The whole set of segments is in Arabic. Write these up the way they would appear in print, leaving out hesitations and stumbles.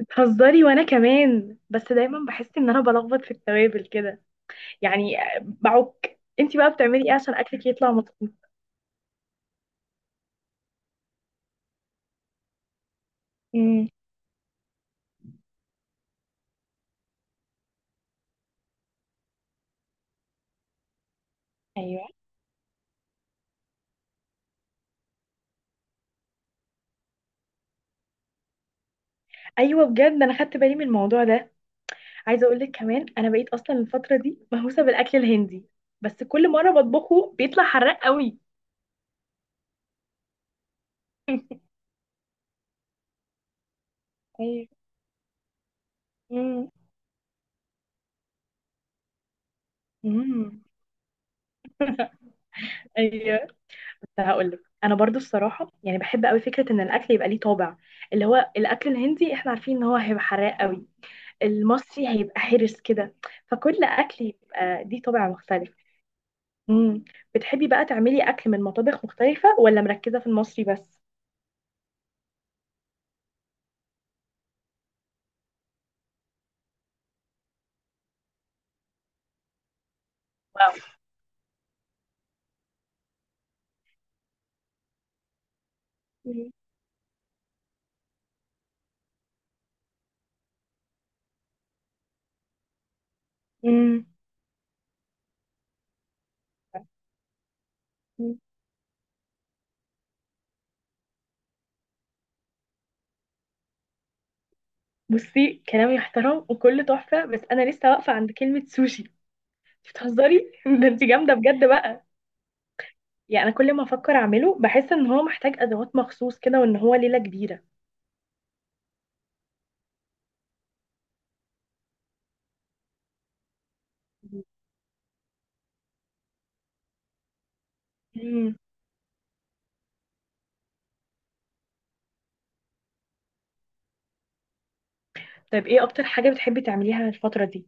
بتهزري، وانا كمان. بس دايما بحس ان انا بلخبط في التوابل كده، يعني. بعك انتي بقى بتعملي ايه عشان اكلك يطلع مظبوط؟ امم. ايوه. ايوه بجد، انا خدت بالي من الموضوع ده. عايزه اقول لك كمان، انا بقيت اصلا الفتره دي مهووسه بالاكل الهندي، بس كل مره بطبخه بيطلع حراق قوي. ايوه. امم. امم. ايوه. بس هقول لك انا برضو الصراحه، يعني بحب قوي فكره ان الاكل يبقى ليه طابع. اللي هو الاكل الهندي احنا عارفين ان هو هيبقى حراق قوي، المصري هيبقى حرص كده. فكل اكل يبقى دي طابع مختلف. مم. بتحبي بقى تعملي اكل من مطابخ مختلفة ولا مركزة في المصري بس؟ واو. مم. مم. مم. بصي، كلام يحترم وكله تحفة، بس أنا لسه واقفة عند كلمة سوشي. بتهزري ده انت جامدة بجد بقى. يعني أنا كل ما أفكر أعمله بحس إن هو محتاج أدوات مخصوص كده وإن هو ليلة كبيرة. مم. طيب إيه أكتر حاجة بتحبي تعمليها الفترة دي؟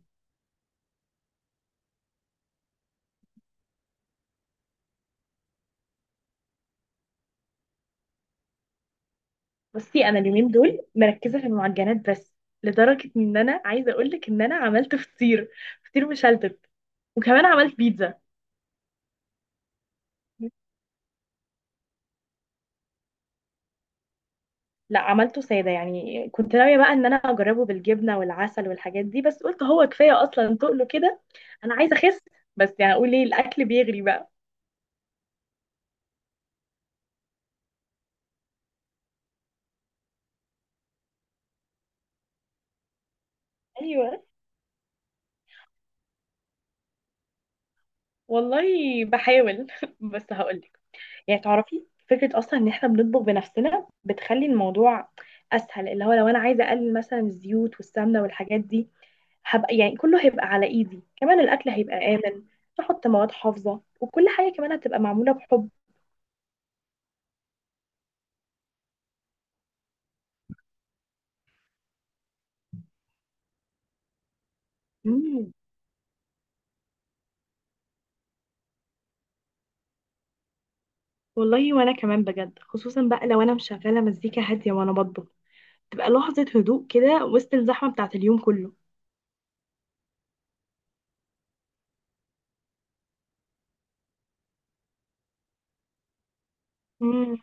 بصي، انا اليومين دول مركزه في المعجنات بس. لدرجه ان انا عايزه اقول لك ان انا عملت فطير. فطير مشلتت. وكمان عملت بيتزا. لا، عملته ساده. يعني كنت ناويه بقى ان انا اجربه بالجبنه والعسل والحاجات دي، بس قلت هو كفايه اصلا تقله كده. انا عايزه اخس، بس يعني اقول ايه، الاكل بيغري بقى. ايوه. والله بحاول بس هقولك. يعني تعرفي فكره اصلا ان احنا بنطبخ بنفسنا بتخلي الموضوع اسهل. اللي هو لو انا عايزه اقلل مثلا الزيوت والسمنه والحاجات دي، هبقى يعني كله هيبقى على ايدي. كمان الاكل هيبقى امن، تحط مواد حافظه، وكل حاجه كمان هتبقى معموله بحب. مم. والله وانا كمان بجد، خصوصا بقى لو انا مشغله مزيكا هاديه وانا بطبخ، تبقى لحظه هدوء كده وسط الزحمه بتاعه اليوم كله. مم.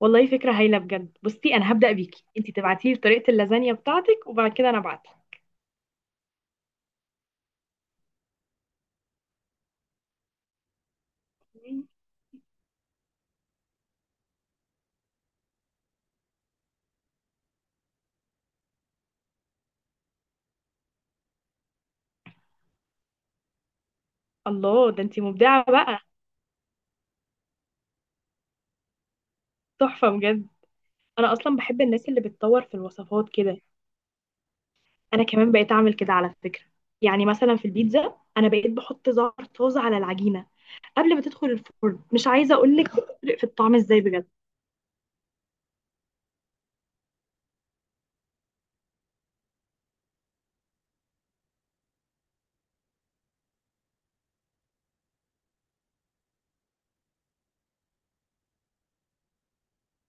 والله فكره هايله بجد. بصي انا هبدا بيكي، انتي تبعتي لي طريقه اللازانيا بتاعتك وبعد كده انا ابعتها. مم. الله، ده انتي مبدعه بقى. تحفه بجد. انا اصلا بحب الناس اللي بتطور في الوصفات كده. انا كمان بقيت اعمل كده على فكره. يعني مثلا في البيتزا انا بقيت بحط زعتر طازه على العجينه قبل ما تدخل الفرن. مش عايزه اقول لك بتفرق في الطعم ازاي بجد.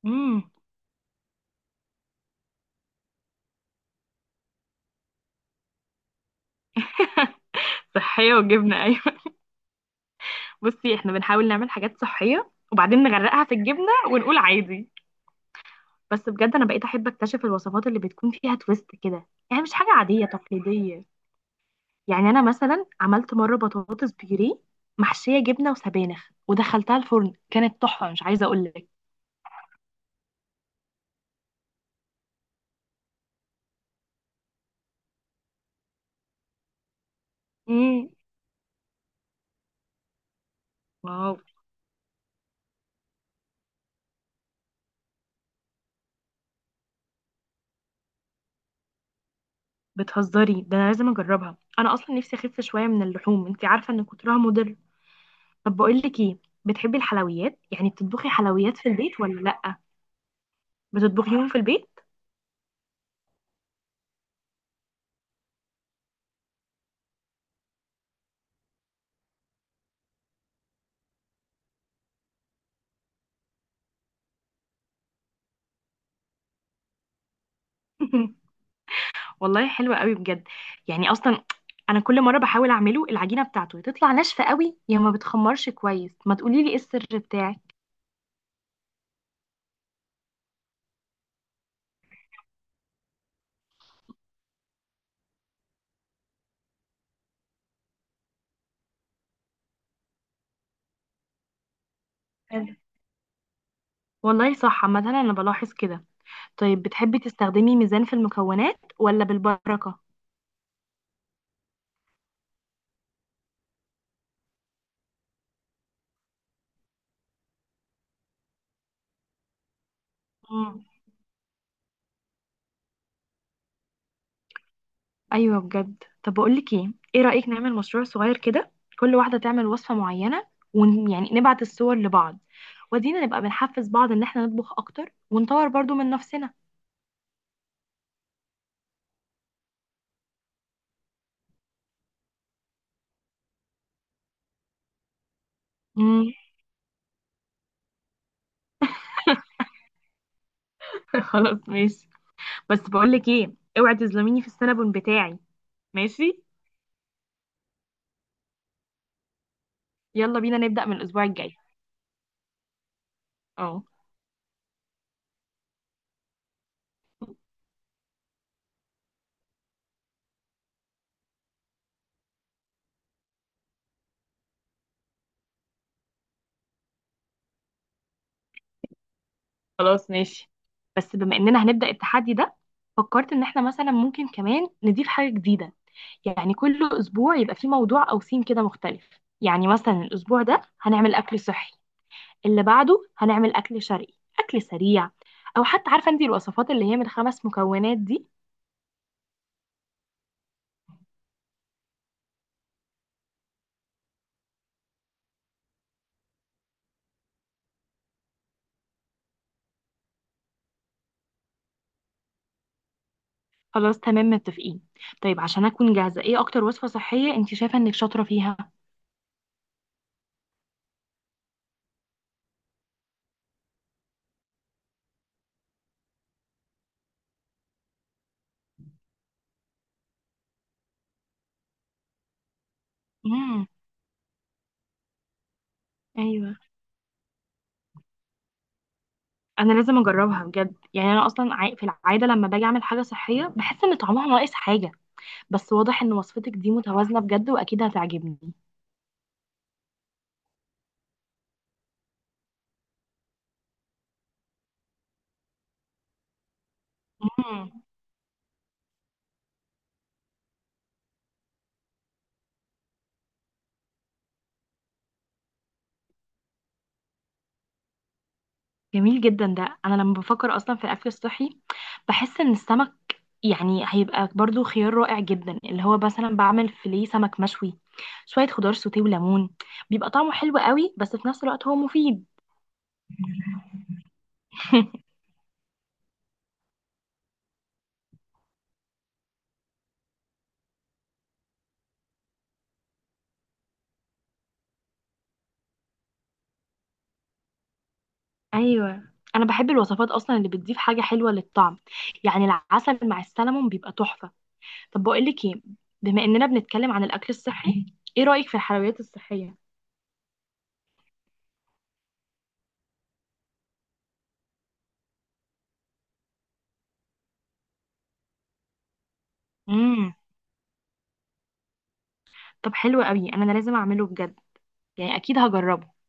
امم. صحية وجبنة، ايوه. بصي احنا بنحاول نعمل حاجات صحية وبعدين نغرقها في الجبنة ونقول عادي. بس بجد انا بقيت احب اكتشف الوصفات اللي بتكون فيها تويست كده، يعني مش حاجة عادية تقليدية. يعني انا مثلا عملت مرة بطاطس بيوريه محشية جبنة وسبانخ ودخلتها الفرن، كانت تحفة مش عايزة اقول لك. امم. بتهزري، ده انا لازم اجربها. انا اصلا نفسي اخف شويه من اللحوم، انت عارفه ان كترها مضر. طب بقول لك ايه، بتحبي الحلويات؟ يعني بتطبخي حلويات في البيت ولا لا؟ بتطبخيهم في البيت؟ والله حلوه قوي بجد. يعني اصلا انا كل مره بحاول اعمله العجينه بتاعته تطلع ناشفه قوي، يا ما بتخمرش كويس. ما تقولي لي ايه السر بتاعك؟ حلو. والله صح، عامه انا بلاحظ كده. طيب بتحبي تستخدمي ميزان في المكونات ولا بالبركه؟ ايوه بجد. طب بقول لك ايه، ايه رأيك نعمل مشروع صغير كده؟ كل واحدة تعمل وصفة معينة، ويعني نبعت الصور لبعض، ودينا نبقى بنحفز بعض ان احنا نطبخ اكتر ونطور برضو من نفسنا. مم. خلاص ماشي. بس بقول لك ايه، اوعي تظلميني في السنابون بتاعي. ماشي. يلا بينا نبدأ من الاسبوع الجاي. اه. خلاص ماشي. بس بما اننا هنبدأ التحدي ده، فكرت ان احنا مثلا ممكن كمان نضيف حاجة جديدة. يعني كل اسبوع يبقى في موضوع او ثيم كده مختلف. يعني مثلا الاسبوع ده هنعمل اكل صحي، اللي بعده هنعمل اكل شرقي، اكل سريع. او حتى عارفه انت الوصفات اللي هي من خمس مكونات دي. خلاص تمام متفقين. طيب عشان اكون جاهزه، ايه اكتر وصفه صحيه انت شايفه انك شاطره فيها؟ امم. ايوه انا لازم اجربها بجد. يعني انا اصلا في العاده لما باجي اعمل حاجه صحيه بحس ان طعمها ناقص حاجه. بس واضح ان وصفتك دي متوازنه بجد واكيد هتعجبني. جميل جدا. ده انا لما بفكر اصلا في الاكل الصحي بحس ان السمك يعني هيبقى برضو خيار رائع جدا. اللي هو مثلا بعمل فيليه سمك مشوي، شوية خضار سوتيه وليمون، بيبقى طعمه حلو قوي بس في نفس الوقت هو مفيد. ايوه. انا بحب الوصفات اصلا اللي بتضيف حاجه حلوه للطعم. يعني العسل مع السلمون بيبقى تحفه. طب بقول لك ايه، بما اننا بنتكلم عن الاكل الصحي، ايه رايك في الحلويات الصحيه؟ امم. طب حلو قوي. أنا لازم اعمله بجد. يعني اكيد هجربه.